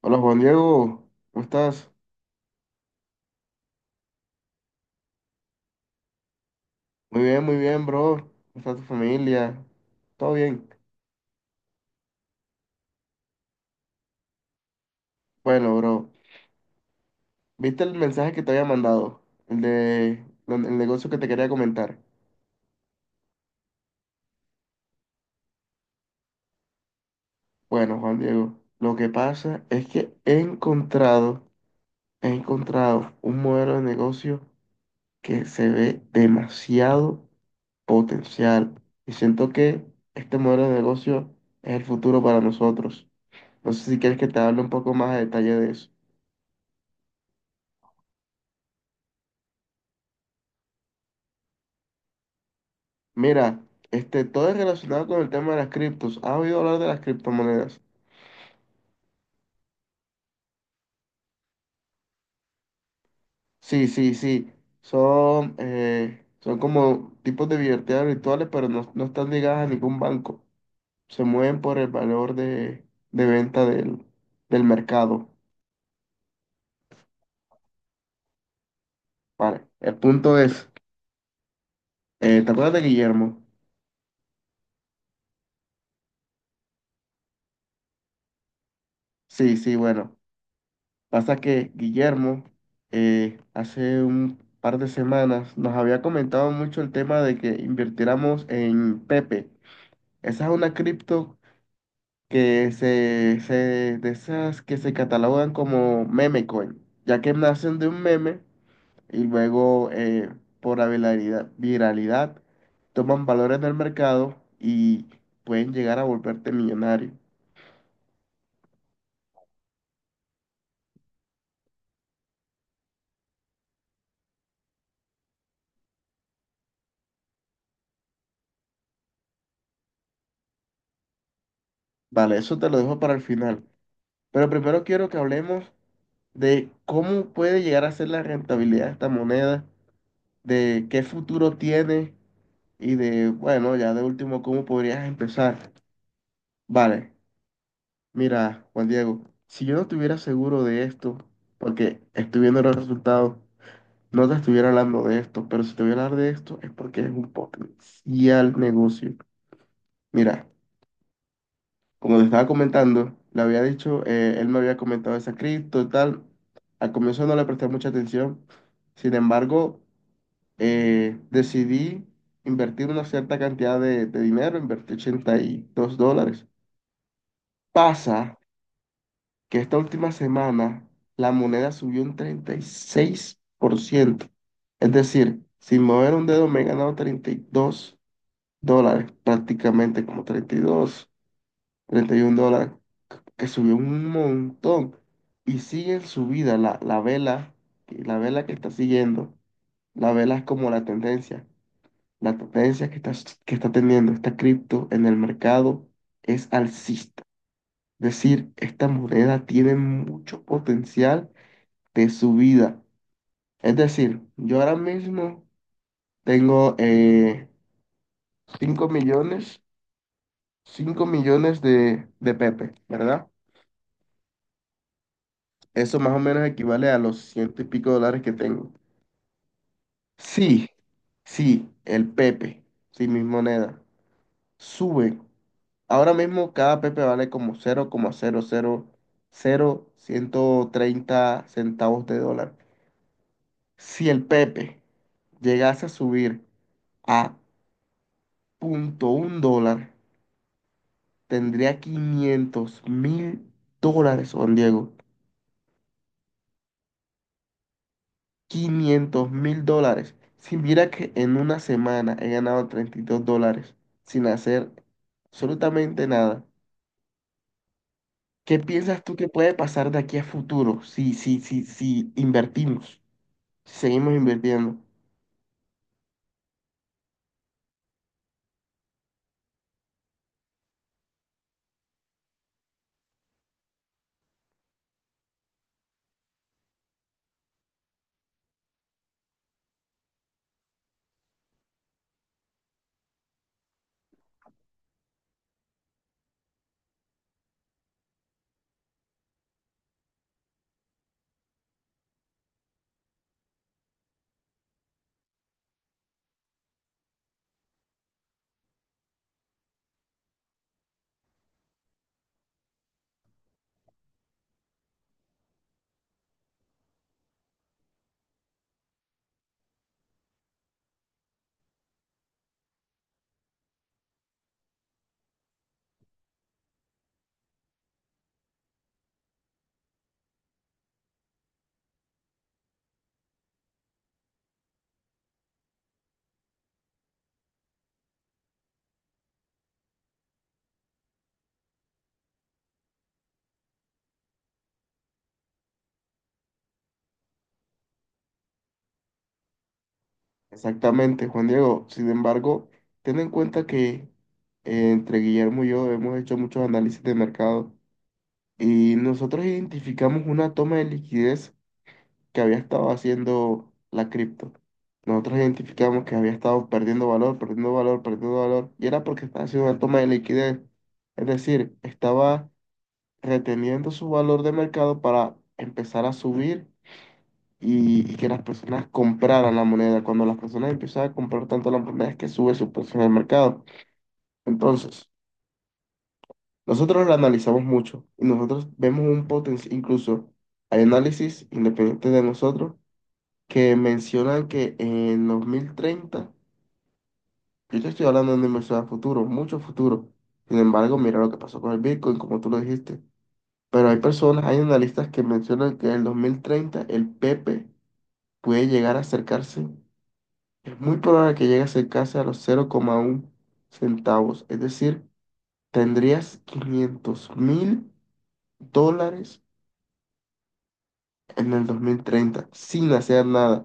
Hola, Juan Diego, ¿cómo estás? Muy bien, bro. ¿Cómo está tu familia? ¿Todo bien? Bueno, bro, ¿viste el mensaje que te había mandado? El negocio que te quería comentar. Bueno, Juan Diego, lo que pasa es que he encontrado un modelo de negocio que se ve demasiado potencial. Y siento que este modelo de negocio es el futuro para nosotros. No sé si quieres que te hable un poco más a detalle de eso. Mira, todo es relacionado con el tema de las criptos. ¿Has oído hablar de las criptomonedas? Sí, sí, sí. Son como tipos de billeteras virtuales, pero no, no están ligadas a ningún banco. Se mueven por el valor de venta del mercado. Vale. El punto es, ¿te acuerdas de Guillermo? Sí, sí, bueno. Pasa que Guillermo hace un par de semanas nos había comentado mucho el tema de que invirtiéramos en Pepe. Esa es una cripto de esas que se catalogan como meme coin, ya que nacen de un meme y luego por la viralidad toman valor en el mercado y pueden llegar a volverte millonario. Vale, eso te lo dejo para el final. Pero primero quiero que hablemos de cómo puede llegar a ser la rentabilidad de esta moneda, de qué futuro tiene y de, bueno, ya de último, cómo podrías empezar. Vale. Mira, Juan Diego, si yo no estuviera seguro de esto, porque estoy viendo los resultados, no te estuviera hablando de esto, pero si te voy a hablar de esto es porque es un potencial negocio. Mira, como te estaba comentando, le había dicho, él me había comentado esa cripto y tal. Al comienzo no le presté mucha atención, sin embargo, decidí invertir una cierta cantidad de dinero, invertí $82. Pasa que esta última semana la moneda subió un 36%. Es decir, sin mover un dedo me he ganado $32, prácticamente como treinta treinta y dos treinta y $31, que subió un montón. Y sigue en subida la vela, la vela que está siguiendo. La vela es como la tendencia. La tendencia que está teniendo esta cripto en el mercado es alcista. Es decir, esta moneda tiene mucho potencial de su vida. Es decir, yo ahora mismo tengo 5 millones, 5 millones de Pepe, ¿verdad? Eso más o menos equivale a los ciento y pico dólares que tengo. Sí, sí, el Pepe, sí, mis monedas, sube. Ahora mismo cada Pepe vale como cero coma ciento treinta centavos de dólar. Si el Pepe llegase a subir a punto un dólar, tendría $500.000, Juan Diego. $500.000. Si mira que en una semana he ganado $32 sin hacer absolutamente nada. ¿Qué piensas tú que puede pasar de aquí a futuro si invertimos, si seguimos invirtiendo? Exactamente, Juan Diego. Sin embargo, ten en cuenta que entre Guillermo y yo hemos hecho muchos análisis de mercado y nosotros identificamos una toma de liquidez que había estado haciendo la cripto. Nosotros identificamos que había estado perdiendo valor, perdiendo valor, perdiendo valor, y era porque estaba haciendo una toma de liquidez. Es decir, estaba reteniendo su valor de mercado para empezar a subir y que las personas compraran la moneda. Cuando las personas empiezan a comprar tanto la moneda es que sube su precio en el mercado. Entonces, nosotros lo analizamos mucho y nosotros vemos un potencial; incluso hay análisis independientes de nosotros que mencionan que en 2030, yo te estoy hablando de una inversión a futuro, mucho futuro. Sin embargo, mira lo que pasó con el Bitcoin, como tú lo dijiste. Pero hay personas, hay analistas que mencionan que en el 2030 el Pepe puede llegar a acercarse, es muy probable que llegue a acercarse a los 0,1 centavos. Es decir, tendrías $500.000 en el 2030 sin hacer nada.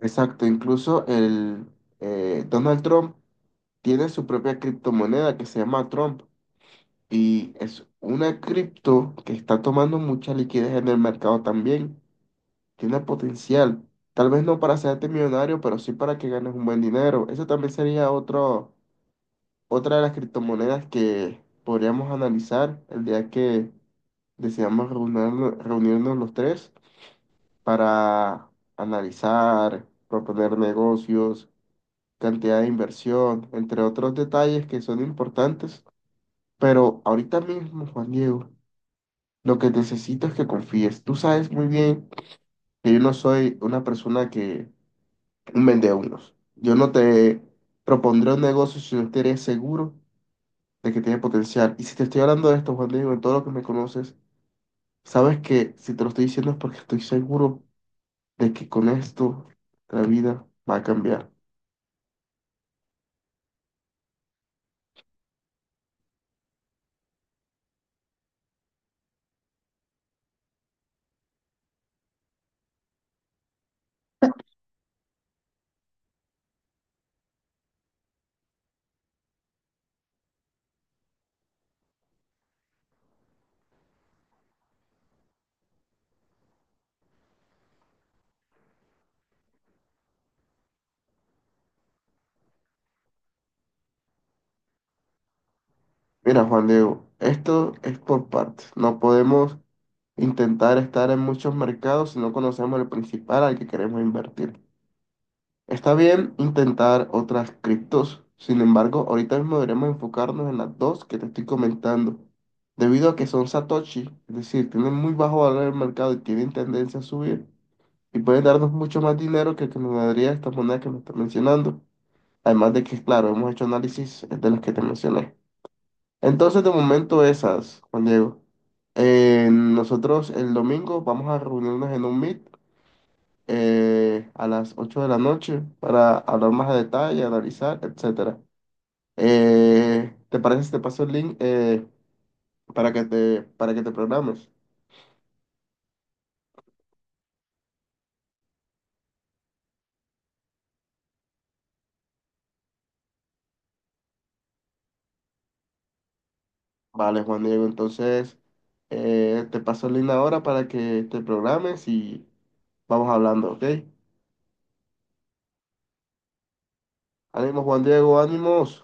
Exacto, incluso el Donald Trump tiene su propia criptomoneda que se llama Trump, y es una cripto que está tomando mucha liquidez en el mercado también. Tiene potencial, tal vez no para hacerte millonario, pero sí para que ganes un buen dinero. Eso también sería otra de las criptomonedas que podríamos analizar el día que deseamos reunirnos los tres para analizar, proponer negocios, cantidad de inversión, entre otros detalles que son importantes. Pero ahorita mismo, Juan Diego, lo que necesito es que confíes. Tú sabes muy bien que yo no soy una persona que un vendehumos. Yo no te propondré un negocio si no eres seguro de que tiene potencial. Y si te estoy hablando de esto, Juan Diego, en todo lo que me conoces, sabes que si te lo estoy diciendo es porque estoy seguro de que con esto la vida va a cambiar. Mira, Juan Diego, esto es por partes. No podemos intentar estar en muchos mercados si no conocemos el principal al que queremos invertir. Está bien intentar otras criptos, sin embargo, ahorita mismo deberemos enfocarnos en las dos que te estoy comentando. Debido a que son Satoshi, es decir, tienen muy bajo valor en el mercado y tienen tendencia a subir, y pueden darnos mucho más dinero que el que nos daría esta moneda que me estás mencionando. Además de que, claro, hemos hecho análisis de las que te mencioné. Entonces, de momento esas, Juan Diego. Nosotros el domingo vamos a reunirnos en un meet a las 8 de la noche para hablar más a detalle, analizar, etcétera. ¿Te parece si te paso el link para que te programes? Vale, Juan Diego, entonces te paso el link ahora para que te programes y vamos hablando, ¿ok? Ánimo, Juan Diego, ánimos.